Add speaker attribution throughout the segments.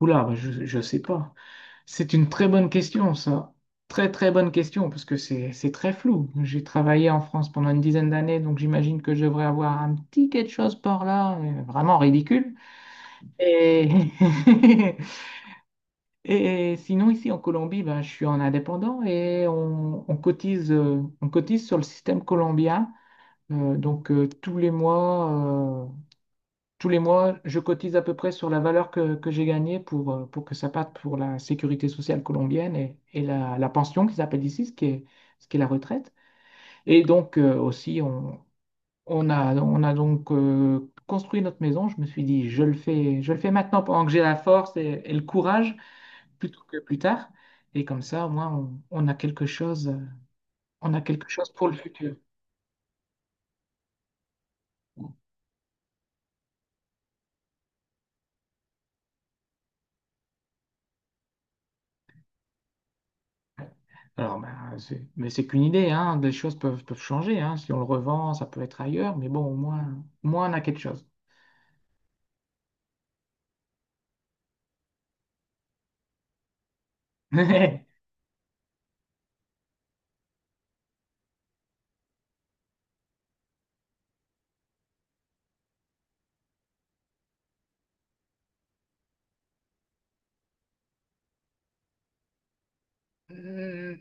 Speaker 1: Oula, bah, je ne sais pas. C'est une très bonne question, ça. Très, très bonne question, parce que c'est très flou. J'ai travaillé en France pendant une 10aine d'années, donc j'imagine que je devrais avoir un petit quelque chose par là, vraiment ridicule. Et, et sinon, ici en Colombie, bah, je suis en indépendant et on cotise, on cotise sur le système colombien. Donc tous les mois, je cotise à peu près sur la valeur que j'ai gagnée pour que ça parte pour la sécurité sociale colombienne et, et la pension qu'ils appellent ici, ce qui est la retraite. Et donc aussi, on a donc construit notre maison. Je me suis dit, je le fais maintenant pendant que j'ai la force et le courage, plutôt que plus tard. Et comme ça, au moins, on a quelque chose, on a quelque chose pour le futur. Alors, ben, mais c'est qu'une idée, hein. Les choses peuvent changer, hein. Si on le revend, ça peut être ailleurs, mais bon, au moins on a quelque chose. Euh,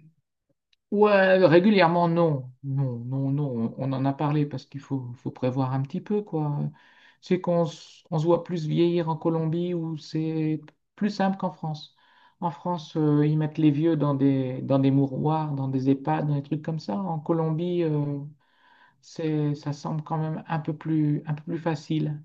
Speaker 1: Ouais, régulièrement, non. Non, non, non. On en a parlé parce qu'faut prévoir un petit peu, quoi. C'est qu'on s- on se voit plus vieillir en Colombie où c'est plus simple qu'en France. En France, ils mettent les vieux dans dans des mouroirs, dans des EHPAD, dans des trucs comme ça. En Colombie, c'est, ça semble quand même un peu plus facile.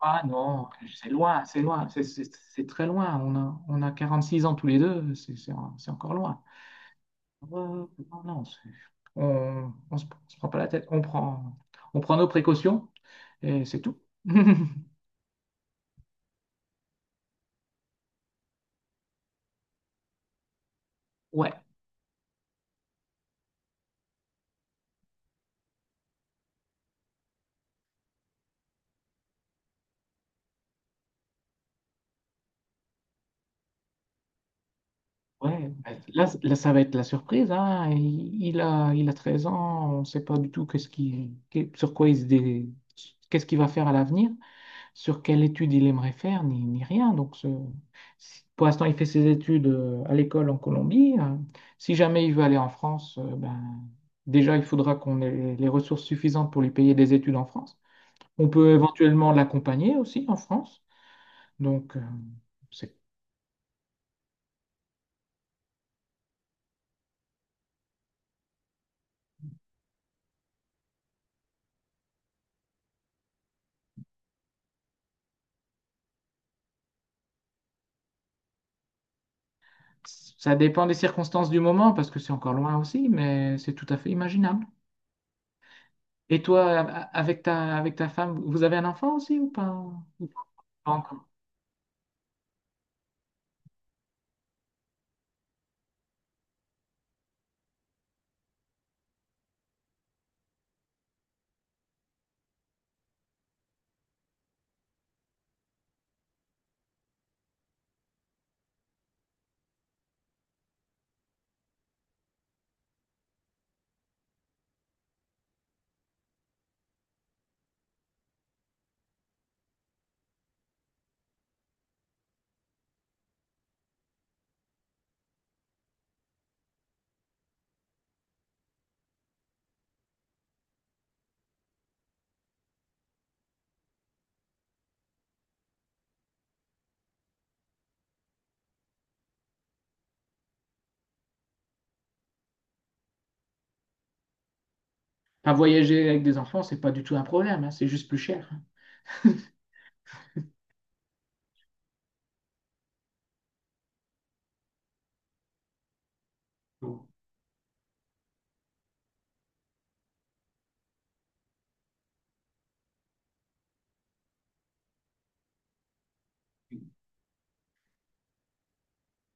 Speaker 1: Ah non, c'est loin, c'est loin, c'est très loin. On a 46 ans tous les deux, c'est encore loin. Euh, non, non, on se prend pas la tête, on prend nos précautions et c'est tout. Ouais, ouais. Mais là, là, ça va être la surprise, hein. Il a 13 ans, on ne sait pas du tout qu'est-ce qu'il va faire à l'avenir. Sur quelle étude il aimerait faire, ni rien. Donc, pour l'instant, il fait ses études à l'école en Colombie. Si jamais il veut aller en France, ben, déjà, il faudra qu'on ait les ressources suffisantes pour lui payer des études en France. On peut éventuellement l'accompagner aussi en France. Donc, c'est- ça dépend des circonstances du moment, parce que c'est encore loin aussi, mais c'est tout à fait imaginable. Et toi, avec avec ta femme, vous avez un enfant aussi ou pas? Ou pas encore. Enfin, voyager avec des enfants, c'est pas du tout un problème, hein, c'est juste plus cher, hein.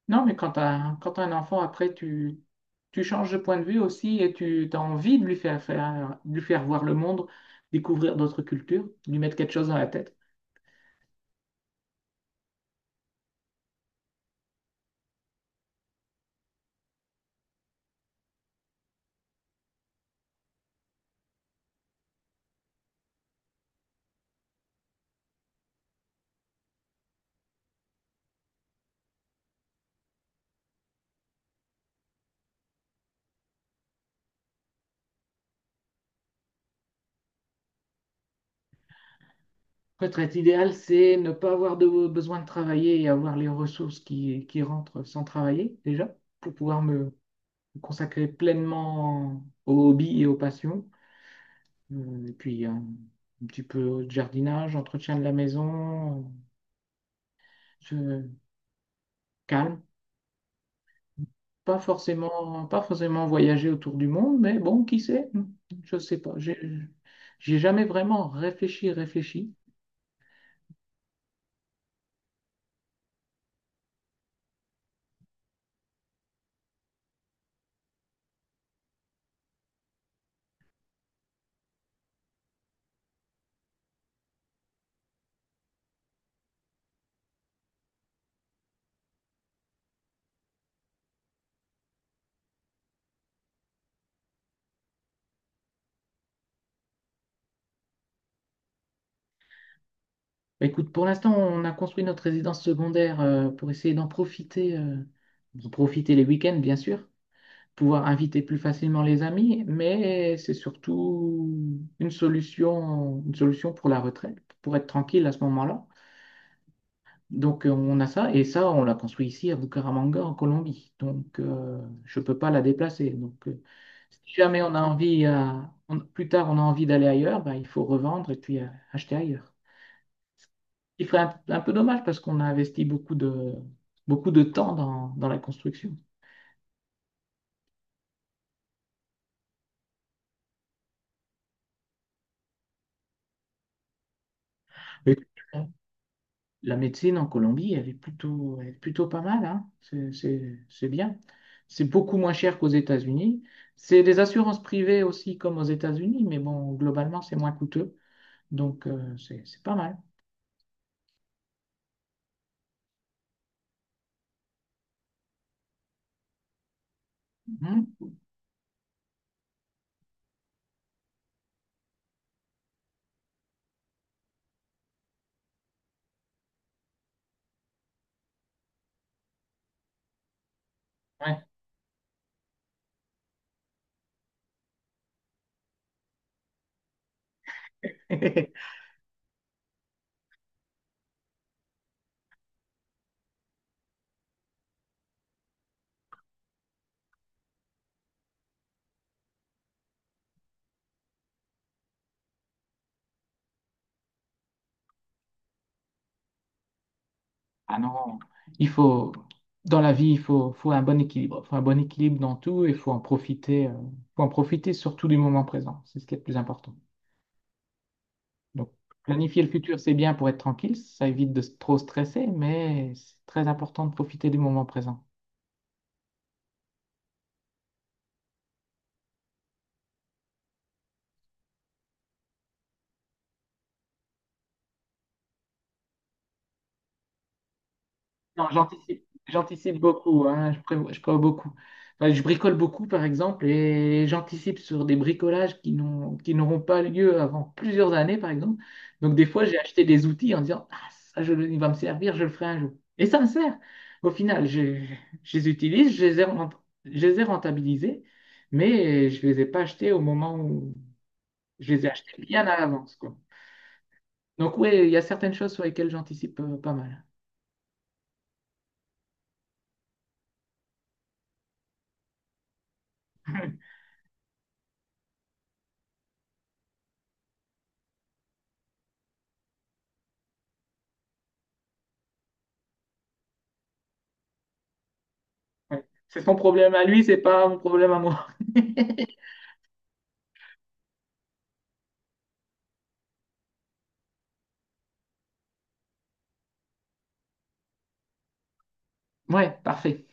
Speaker 1: Non, mais quand t'as un enfant, après, tu changes de point de vue aussi et tu as envie de de lui faire voir le monde, découvrir d'autres cultures, lui mettre quelque chose dans la tête. Retraite idéale, c'est ne pas avoir de, besoin de travailler et avoir les ressources qui rentrent sans travailler, déjà, pour pouvoir me consacrer pleinement aux hobbies et aux passions. Et puis, un petit peu de jardinage, entretien de la maison, Je- calme. Pas forcément voyager autour du monde, mais bon, qui sait, hein? Je ne sais pas. J'ai jamais vraiment réfléchi. Bah, écoute, pour l'instant, on a construit notre résidence secondaire pour essayer d'en profiter les week-ends, bien sûr. Pouvoir inviter plus facilement les amis, mais c'est surtout une solution pour la retraite, pour être tranquille à ce moment-là. Donc on a ça, et ça, on l'a construit ici à Bucaramanga, en Colombie. Donc je ne peux pas la déplacer. Donc si jamais on a envie, plus tard on a envie d'aller ailleurs, bah, il faut revendre et puis acheter ailleurs. Ce qui ferait un peu dommage parce qu'on a investi beaucoup de temps dans la construction. Oui. La médecine en Colombie, elle est plutôt pas mal, hein. C'est bien. C'est beaucoup moins cher qu'aux États-Unis. C'est des assurances privées aussi, comme aux États-Unis, mais bon, globalement, c'est moins coûteux. Donc, c'est pas mal. Mhm. Ouais. Ah non, il faut, dans la vie, faut un bon équilibre. Il faut un bon équilibre dans tout et il faut en profiter surtout du moment présent. C'est ce qui est le plus important. Donc, planifier le futur, c'est bien pour être tranquille, ça évite de trop stresser, mais c'est très important de profiter du moment présent. Non, j'anticipe beaucoup, hein, je prévois beaucoup. Enfin, je bricole beaucoup, par exemple, et j'anticipe sur des bricolages qui n'auront pas lieu avant plusieurs années, par exemple. Donc, des fois, j'ai acheté des outils en disant, ah, il va me servir, je le ferai un jour. Et ça me sert. Au final, je les utilise, je les ai rentabilisés mais je ne les ai pas achetés au moment où, je les ai achetés bien à l'avance, quoi. Donc oui, il y a certaines choses sur lesquelles j'anticipe pas mal. Ouais. C'est son problème à lui, c'est pas mon problème à moi. Ouais, parfait.